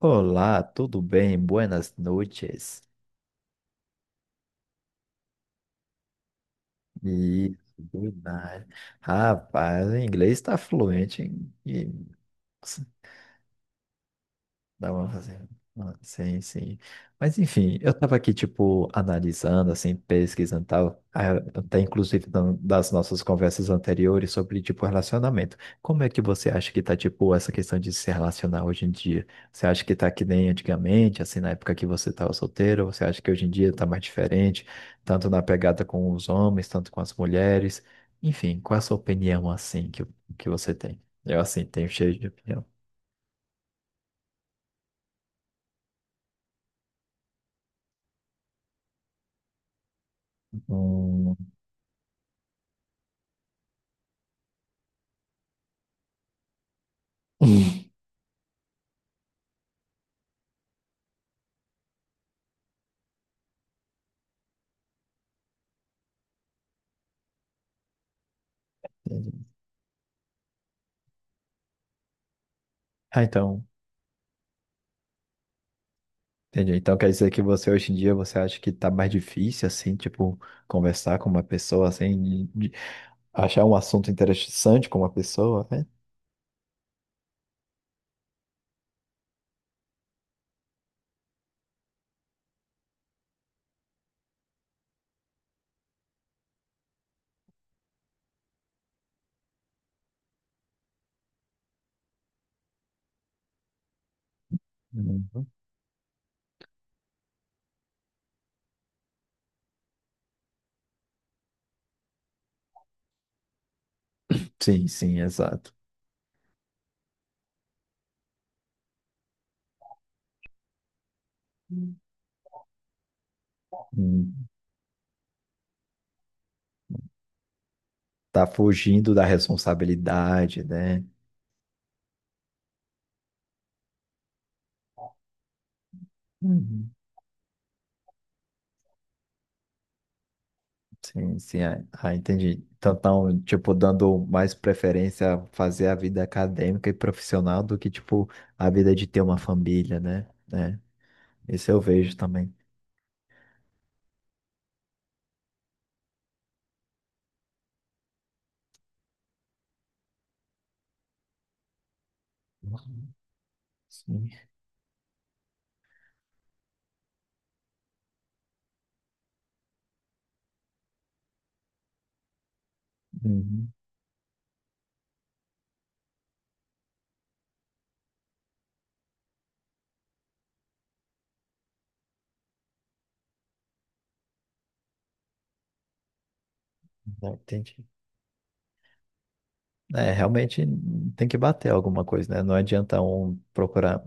Olá, tudo bem? Buenas noites. E boa noite. Rapaz, o inglês está fluente Dá pra fazer. Ah, sim, sim. Mas enfim, eu tava aqui, tipo, analisando, assim, pesquisando e tal, até inclusive das nossas conversas anteriores sobre, tipo, relacionamento. Como é que você acha que tá, tipo, essa questão de se relacionar hoje em dia? Você acha que tá que nem antigamente, assim, na época que você tava solteiro? Ou você acha que hoje em dia tá mais diferente, tanto na pegada com os homens, tanto com as mulheres? Enfim, qual é a sua opinião, assim, que você tem? Eu, assim, tenho cheio de opinião. Hum. Ah, então, entendi. Então quer dizer que você hoje em dia você acha que tá mais difícil assim, tipo, conversar com uma pessoa assim, de achar um assunto interessante com uma pessoa, né? Uhum. Sim, sim, exato. Hum. Hum. Tá fugindo da responsabilidade, né? Uhum. Sim, sim, entendi. Então, tão, tipo, dando mais preferência a fazer a vida acadêmica e profissional do que, tipo, a vida de ter uma família, né? É, isso eu vejo também. Uhum. Sim. Uhum. Não, entendi. É, realmente tem que bater alguma coisa, né? Não adianta um procurar,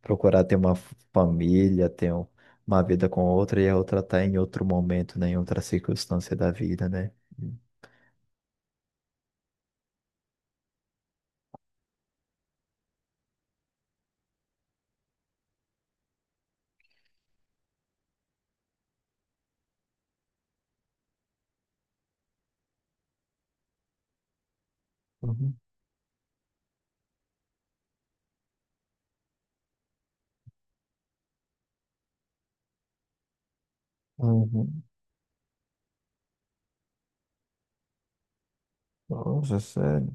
procurar ter uma família, uma vida com outra e a outra tá em outro momento, né? Em outra circunstância da vida, né? Uhum. Uhum. Nossa, sério.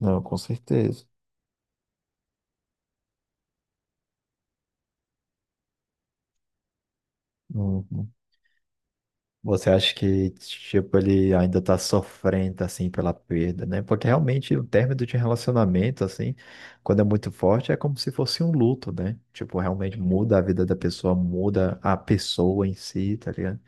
Não, com certeza. Uhum. Você acha que, tipo, ele ainda tá sofrendo, assim, pela perda, né? Porque realmente o término de relacionamento, assim, quando é muito forte, é como se fosse um luto, né? Tipo, realmente muda a vida da pessoa, muda a pessoa em si, tá ligado?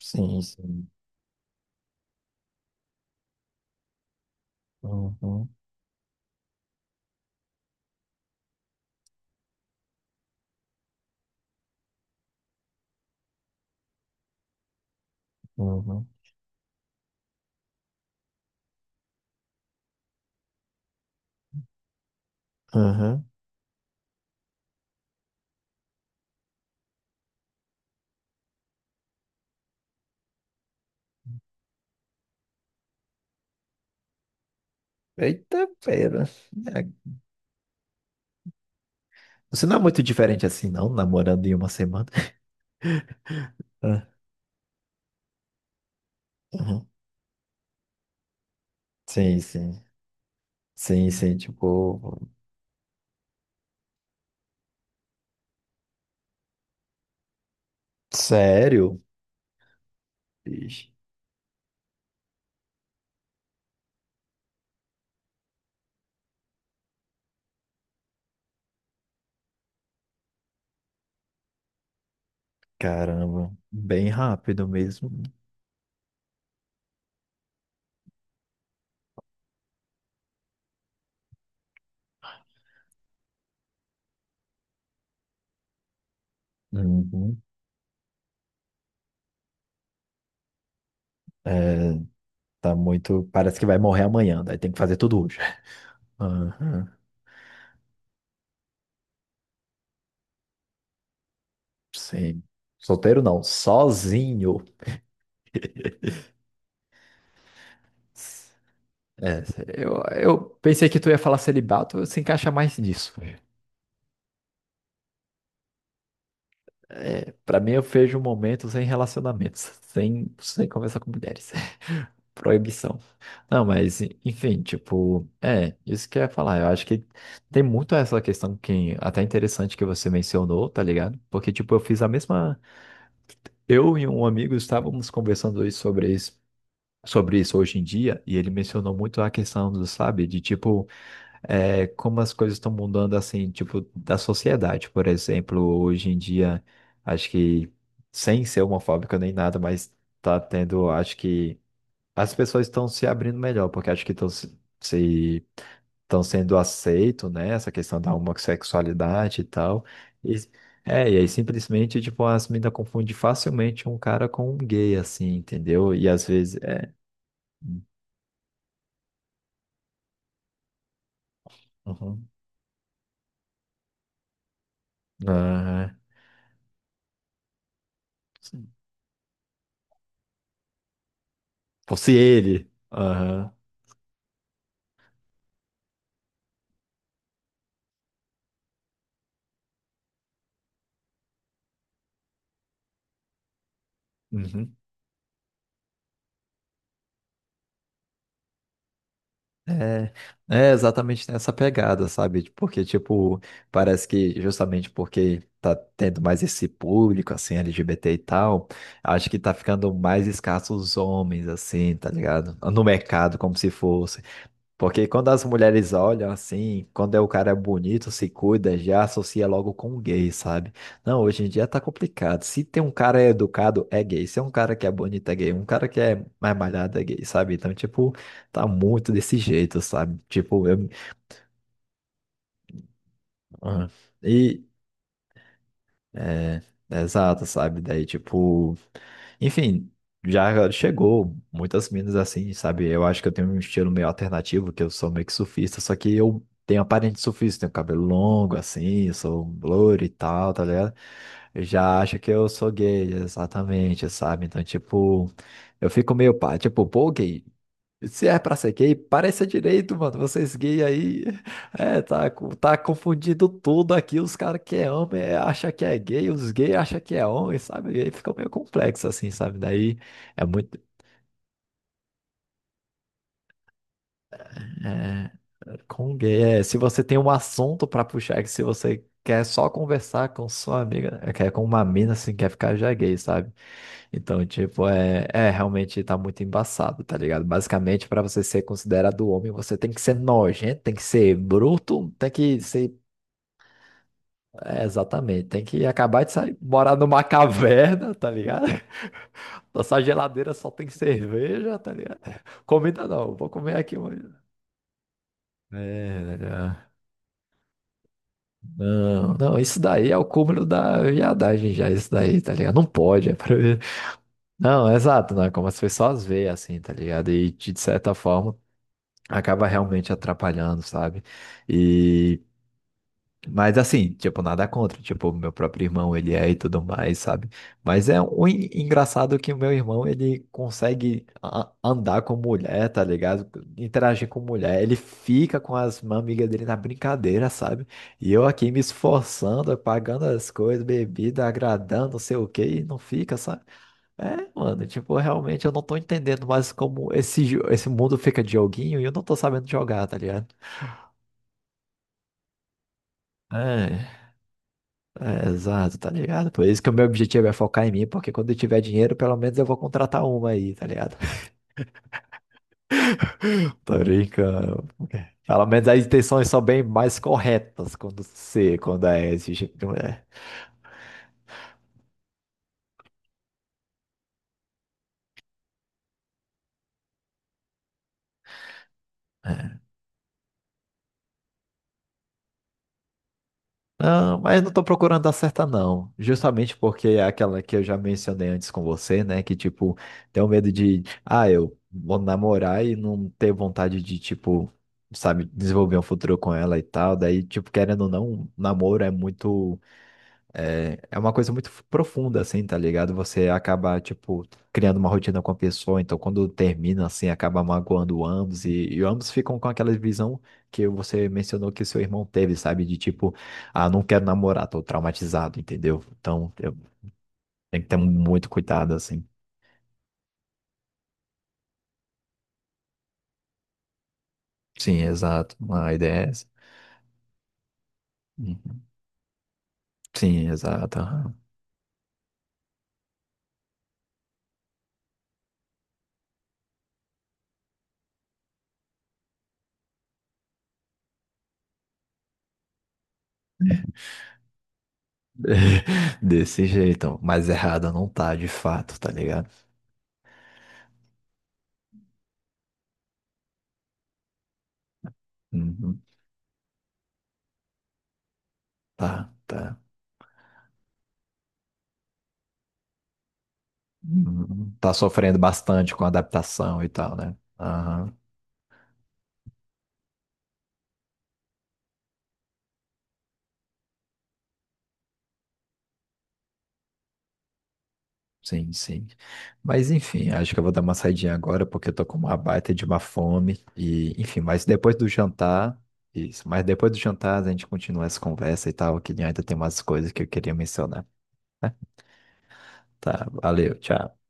Sim, sim. Uhum, uhum. Aham. Eita, pera. É. Você não é muito diferente assim, não, namorando em uma semana. Ah, uhum. Sim, sim. Sim, sim, tipo, sério? Ixi. Caramba, bem rápido mesmo. Uhum. Tá muito. Parece que vai morrer amanhã, daí tem que fazer tudo hoje. Aham. Sim. Solteiro não, sozinho. É, eu pensei que tu ia falar celibato, se encaixa mais nisso. É, para mim, eu vejo um momento sem relacionamentos, sem conversar com mulheres. Proibição. Não, mas, enfim, tipo, é, isso que eu ia falar. Eu acho que tem muito essa questão que até interessante que você mencionou, tá ligado? Porque, tipo, eu fiz a mesma. Eu e um amigo estávamos conversando sobre isso hoje em dia, e ele mencionou muito a questão do, sabe, de tipo como as coisas estão mudando, assim, tipo, da sociedade, por exemplo, hoje em dia, acho que, sem ser homofóbica nem nada, mas tá tendo, acho que, as pessoas estão se abrindo melhor, porque acho que estão se, se, estão sendo aceito, né, essa questão da homossexualidade e tal, e, é, e aí simplesmente, tipo, as meninas confundem facilmente um cara com um gay, assim, entendeu? E às vezes, é... Uhum. Aham. Fosse ele. Aham. Uhum. É, é exatamente nessa pegada, sabe? Porque, tipo, parece que justamente porque tá tendo mais esse público, assim, LGBT e tal, acho que tá ficando mais escasso os homens, assim, tá ligado? No mercado, como se fosse. Porque quando as mulheres olham assim, quando é o cara bonito, se cuida, já associa logo com gay, sabe? Não, hoje em dia tá complicado. Se tem um cara educado, é gay. Se é um cara que é bonito, é gay. Um cara que é mais malhado, é gay, sabe? Então, tipo, tá muito desse jeito, sabe? Tipo, eu. Ah. E, é, exato, sabe? Daí, tipo, enfim, já chegou muitas minas assim, sabe? Eu acho que eu tenho um estilo meio alternativo, que eu sou meio que surfista, só que eu tenho aparência de surfista, tenho cabelo longo assim, sou loiro e tal, tá ligado? Eu já acho que eu sou gay, exatamente, sabe? Então, tipo, eu fico meio pá, tipo, pô, gay. Se é pra ser gay, pareça direito, mano. Vocês gay aí, tá confundindo tudo aqui. Os caras que é homem acha que é gay, os gays acham que é homem, sabe? E aí fica meio complexo assim, sabe? Daí é muito é, com gay. É, se você tem um assunto pra puxar, é que se você quer só conversar com sua amiga, é, quer com uma mina assim, quer ficar já gay, sabe? Então, tipo, é realmente tá muito embaçado, tá ligado? Basicamente, pra você ser considerado homem, você tem que ser nojento, tem que ser bruto, tem que ser É, exatamente. Tem que acabar de sair, morar numa caverna, tá ligado? Nossa geladeira só tem cerveja, tá ligado? Comida não, vou comer aqui hoje. É, né? Não, isso daí é o cúmulo da viadagem já, isso daí, tá ligado? Não pode, é pra... Não, é exato, né? Como as pessoas veem, assim, tá ligado? E de certa forma acaba realmente atrapalhando, sabe? E mas assim, tipo, nada contra. Tipo, meu próprio irmão, ele é e tudo mais, sabe? Mas é um engraçado que o meu irmão, ele consegue andar com mulher, tá ligado? Interagir com mulher. Ele fica com as amigas dele na brincadeira, sabe? E eu aqui me esforçando, pagando as coisas, bebida, agradando, não sei o quê, e não fica, sabe? É, mano, tipo, realmente eu não tô entendendo mais como esse mundo fica de joguinho e eu não tô sabendo jogar, tá ligado? É, é, exato, tá ligado? Por isso que o meu objetivo é focar em mim, porque quando eu tiver dinheiro, pelo menos eu vou contratar uma aí, tá ligado? Tô brincando. Pelo menos as intenções são bem mais corretas quando você, quando é esse tipo, é. Não, mas não tô procurando dar certa, não. Justamente porque é aquela que eu já mencionei antes com você, né? Que, tipo, tenho medo de, ah, eu vou namorar e não ter vontade de, tipo, sabe, desenvolver um futuro com ela e tal. Daí, tipo, querendo ou não, namoro é muito. É, é uma coisa muito profunda, assim, tá ligado? Você acaba, tipo, criando uma rotina com a pessoa, então quando termina, assim, acaba magoando ambos, e ambos ficam com aquela visão que você mencionou que seu irmão teve, sabe? De tipo, ah, não quero namorar, tô traumatizado, entendeu? Então, eu tenho que ter muito cuidado, assim. Sim, exato. Uma ideia é essa. Uhum. Sim, exato. Aham. Desse jeito, mas errada não tá, de fato, tá ligado? Uhum. Tá, tá. Uhum. Tá sofrendo bastante com a adaptação e tal, né? Aham, sim, sim. Mas enfim, acho que eu vou dar uma saidinha agora porque eu tô com uma baita de uma fome. E, enfim, mas depois do jantar, isso, mas depois do jantar a gente continua essa conversa e tal, que ainda tem umas coisas que eu queria mencionar. Né? Tá, valeu, tchau.